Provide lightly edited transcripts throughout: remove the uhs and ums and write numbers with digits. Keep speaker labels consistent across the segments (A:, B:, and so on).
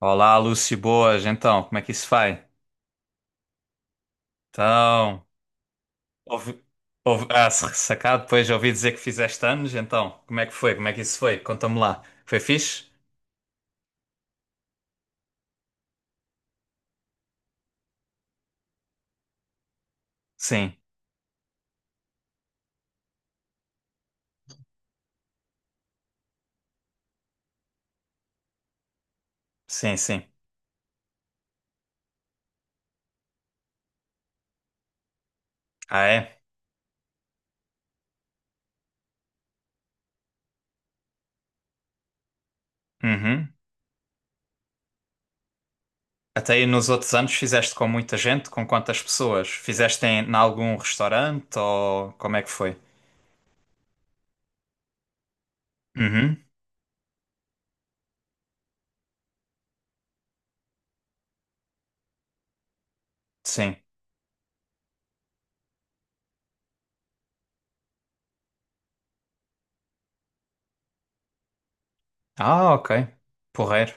A: Olá, Lúcio, boas. Então, como é que isso vai? Então, ouvi, ouvi, se ressacado, depois ouvi dizer que fizeste anos, então, como é que foi? Como é que isso foi? Conta-me lá. Foi fixe? Sim, sim, sim. Ah, é? Uhum. Até aí nos outros anos fizeste com muita gente? Com quantas pessoas? Fizeste em algum restaurante ou como é que foi? Uhum, sim. Ah, ok. Porreiro.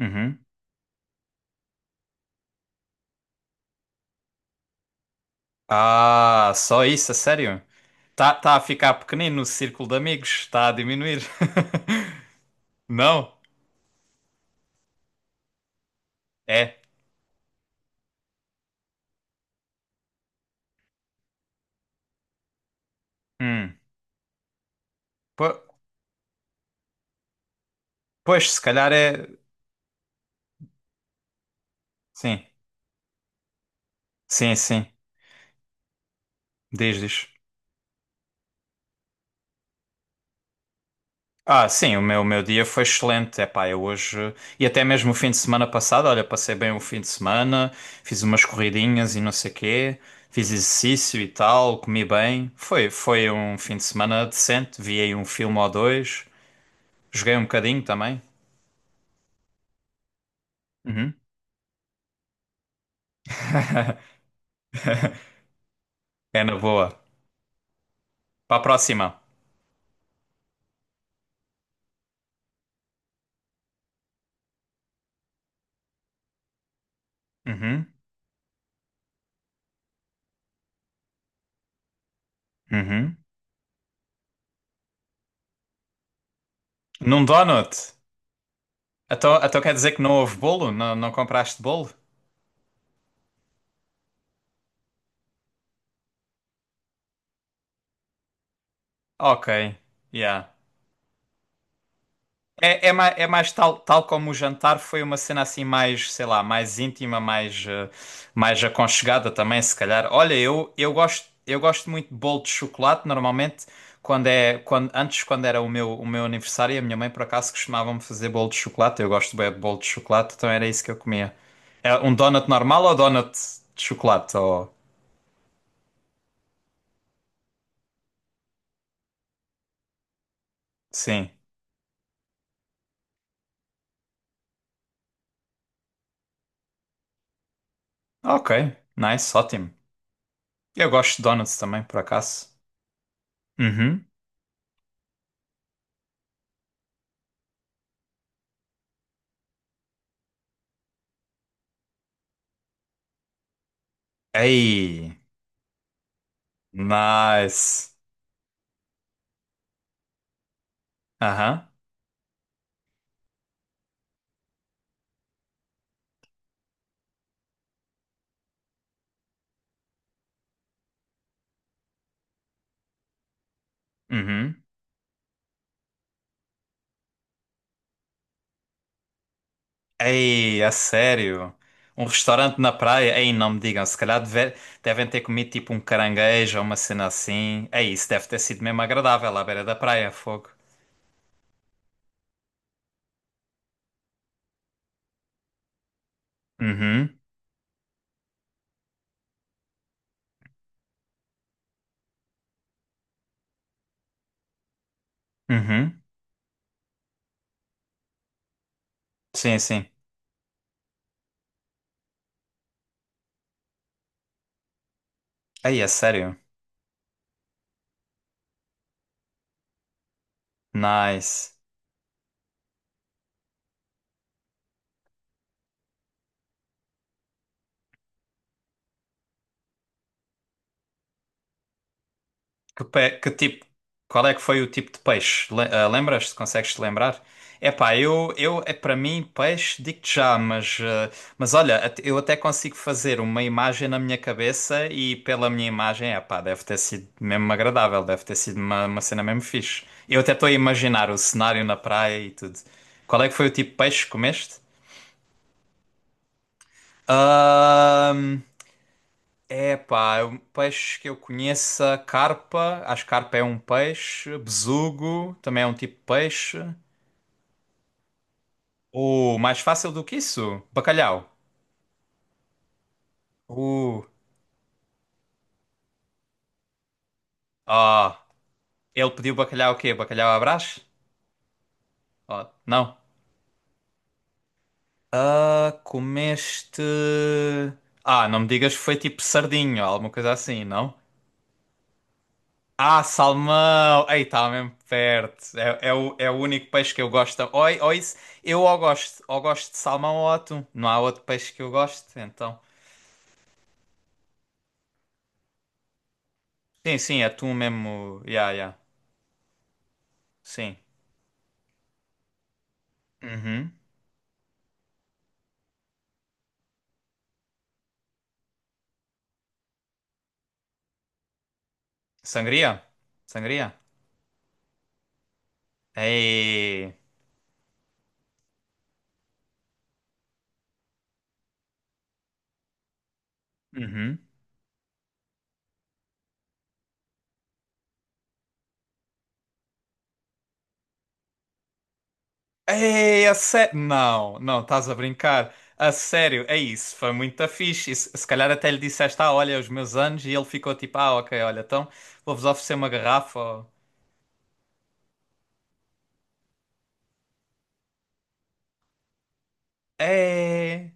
A: Uhum. Ah, só isso, a sério? Tá, tá a ficar pequenino no círculo de amigos, está a diminuir. Não? É. Hum. Po- Pois, se calhar é. Sim, sim, sim. Diz, diz. Ah, sim, o meu dia foi excelente. É pá, eu hoje. E até mesmo o fim de semana passado, olha, passei bem o fim de semana, fiz umas corridinhas e não sei quê, fiz exercício e tal, comi bem. Foi um fim de semana decente. Vi aí um filme ou dois, joguei um bocadinho também. Uhum. É na boa. Para a próxima. Uhum, uhum. Num donut. Então, quer dizer que não houve bolo? Não, não compraste bolo? Ok. Yeah. Tal como o jantar foi uma cena assim mais, sei lá, mais íntima, mais aconchegada também, se calhar. Olha, eu gosto muito de bolo de chocolate, normalmente, antes, quando era o meu aniversário, a minha mãe, por acaso, costumava-me fazer bolo de chocolate. Eu gosto bem de bolo de chocolate, então era isso que eu comia. É um donut normal ou donut de chocolate? Ou? Sim. Ok, nice, ótimo. Eu gosto de donuts também, por acaso. Uhum. Ei. Nice. Aham. Uhum. Ei, a sério? Um restaurante na praia? Ei, não me digam. Se calhar devem ter comido tipo um caranguejo ou uma cena assim. Ei, isso deve ter sido mesmo agradável à beira da praia, fogo. Uhum. Uhum. Sim, sim. Ei, a sério? Nice. Que, pe- que tipo, qual é que foi o tipo de peixe? Lembras-te? Consegues-te lembrar? É pá, eu é para mim peixe, digo-te já, mas olha, eu até consigo fazer uma imagem na minha cabeça e pela minha imagem, é pá, deve ter sido mesmo agradável, deve ter sido uma cena mesmo fixe. Eu até estou a imaginar o cenário na praia e tudo. Qual é que foi o tipo de peixe que comeste? É pá, é um peixe que eu conheça, carpa, acho que carpa é um peixe, besugo também é um tipo de peixe. O mais fácil do que isso? Bacalhau. Uh, ah, ele pediu bacalhau o quê? Bacalhau à Brás? Ah, não. Ah, comeste? Ah, não me digas que foi tipo sardinho, alguma coisa assim, não? Ah, salmão! Ei, está mesmo perto. É o único peixe que eu gosto. Ou isso, eu ou gosto de salmão ou atum. Não há outro peixe que eu goste, então. Sim, sim, atum mesmo. Ya, ya. Sim. Uhum. Sangria? Sangria? Ei. Uhum. Ei, a sério. Não, não, estás a brincar. A sério, é isso. Foi muito fixe. E se calhar até lhe disseste, ah, olha, é os meus anos, e ele ficou tipo, ah, ok, olha, então vou-vos oferecer uma garrafa. É.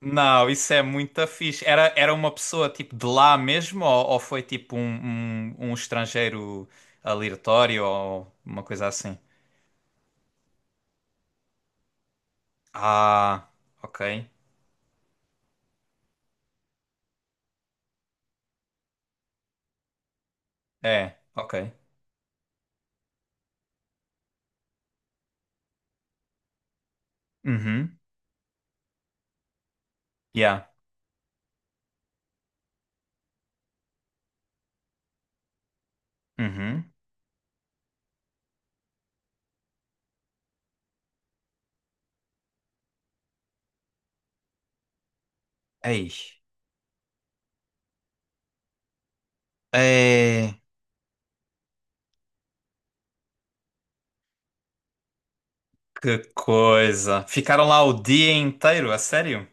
A: Não, isso é muito fixe. Era uma pessoa tipo de lá mesmo ou foi tipo um estrangeiro aleatório ou uma coisa assim? Ah, ok. É, ok. Uhum. Yeah. Uhum. Ei. É, que coisa. Ficaram lá o dia inteiro, a sério?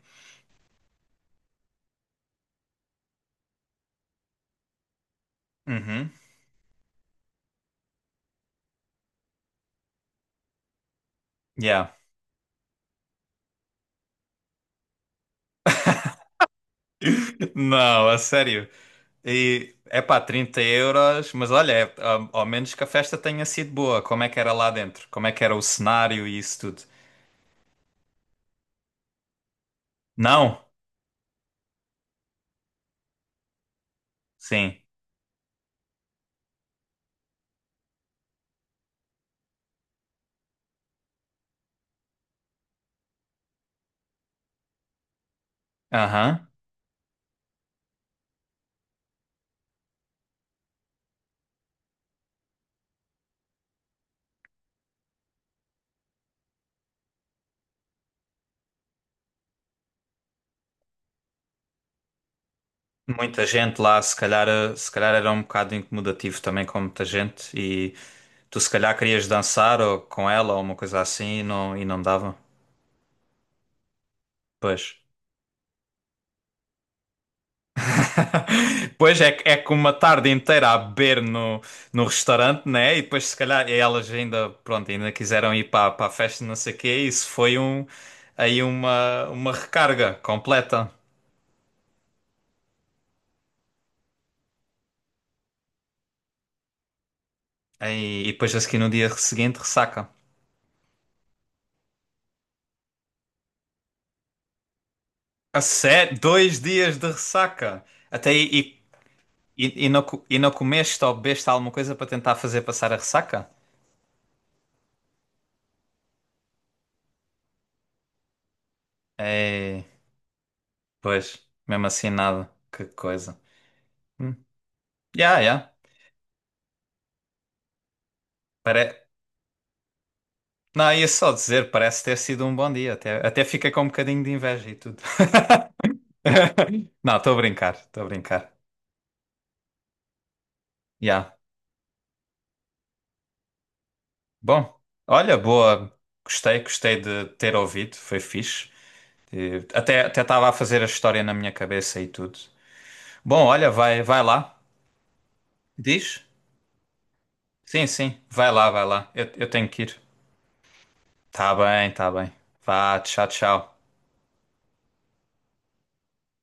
A: Uhum. Yeah. Não, a sério. E é pá, 30 euros, mas olha, ao menos que a festa tenha sido boa. Como é que era lá dentro? Como é que era o cenário e isso tudo? Não? Sim. Aham. Muita gente lá, se calhar, eh, se calhar era um bocado incomodativo também com muita gente. E tu se calhar querias dançar ou com ela ou uma coisa assim e não dava. Pois. Pois é, que- é com uma tarde inteira a beber no restaurante, né? E depois, se calhar, elas ainda, pronto, ainda quiseram ir para a festa, não sei o quê. Isso foi uma recarga completa. Aí, e depois, a seguir, no dia seguinte, ressaca. A sério? Dois dias de ressaca. Até aí, e não comeste ou bebeste alguma coisa para tentar fazer passar a ressaca? É, pois, mesmo assim, nada. Que coisa. Hum. Yeah, yeah. Não, ia só dizer, parece ter sido um bom dia. Até fica com um bocadinho de inveja e tudo. Não, estou a brincar, estou a brincar. Yeah. Bom, olha, boa. Gostei, gostei de ter ouvido, foi fixe. E até estava a fazer a história na minha cabeça e tudo. Bom, olha, vai, vai lá. Diz? Sim, sim, vai lá, vai lá. Eu tenho que ir. Tá bem, tá bem. Vá, tchau, tchau.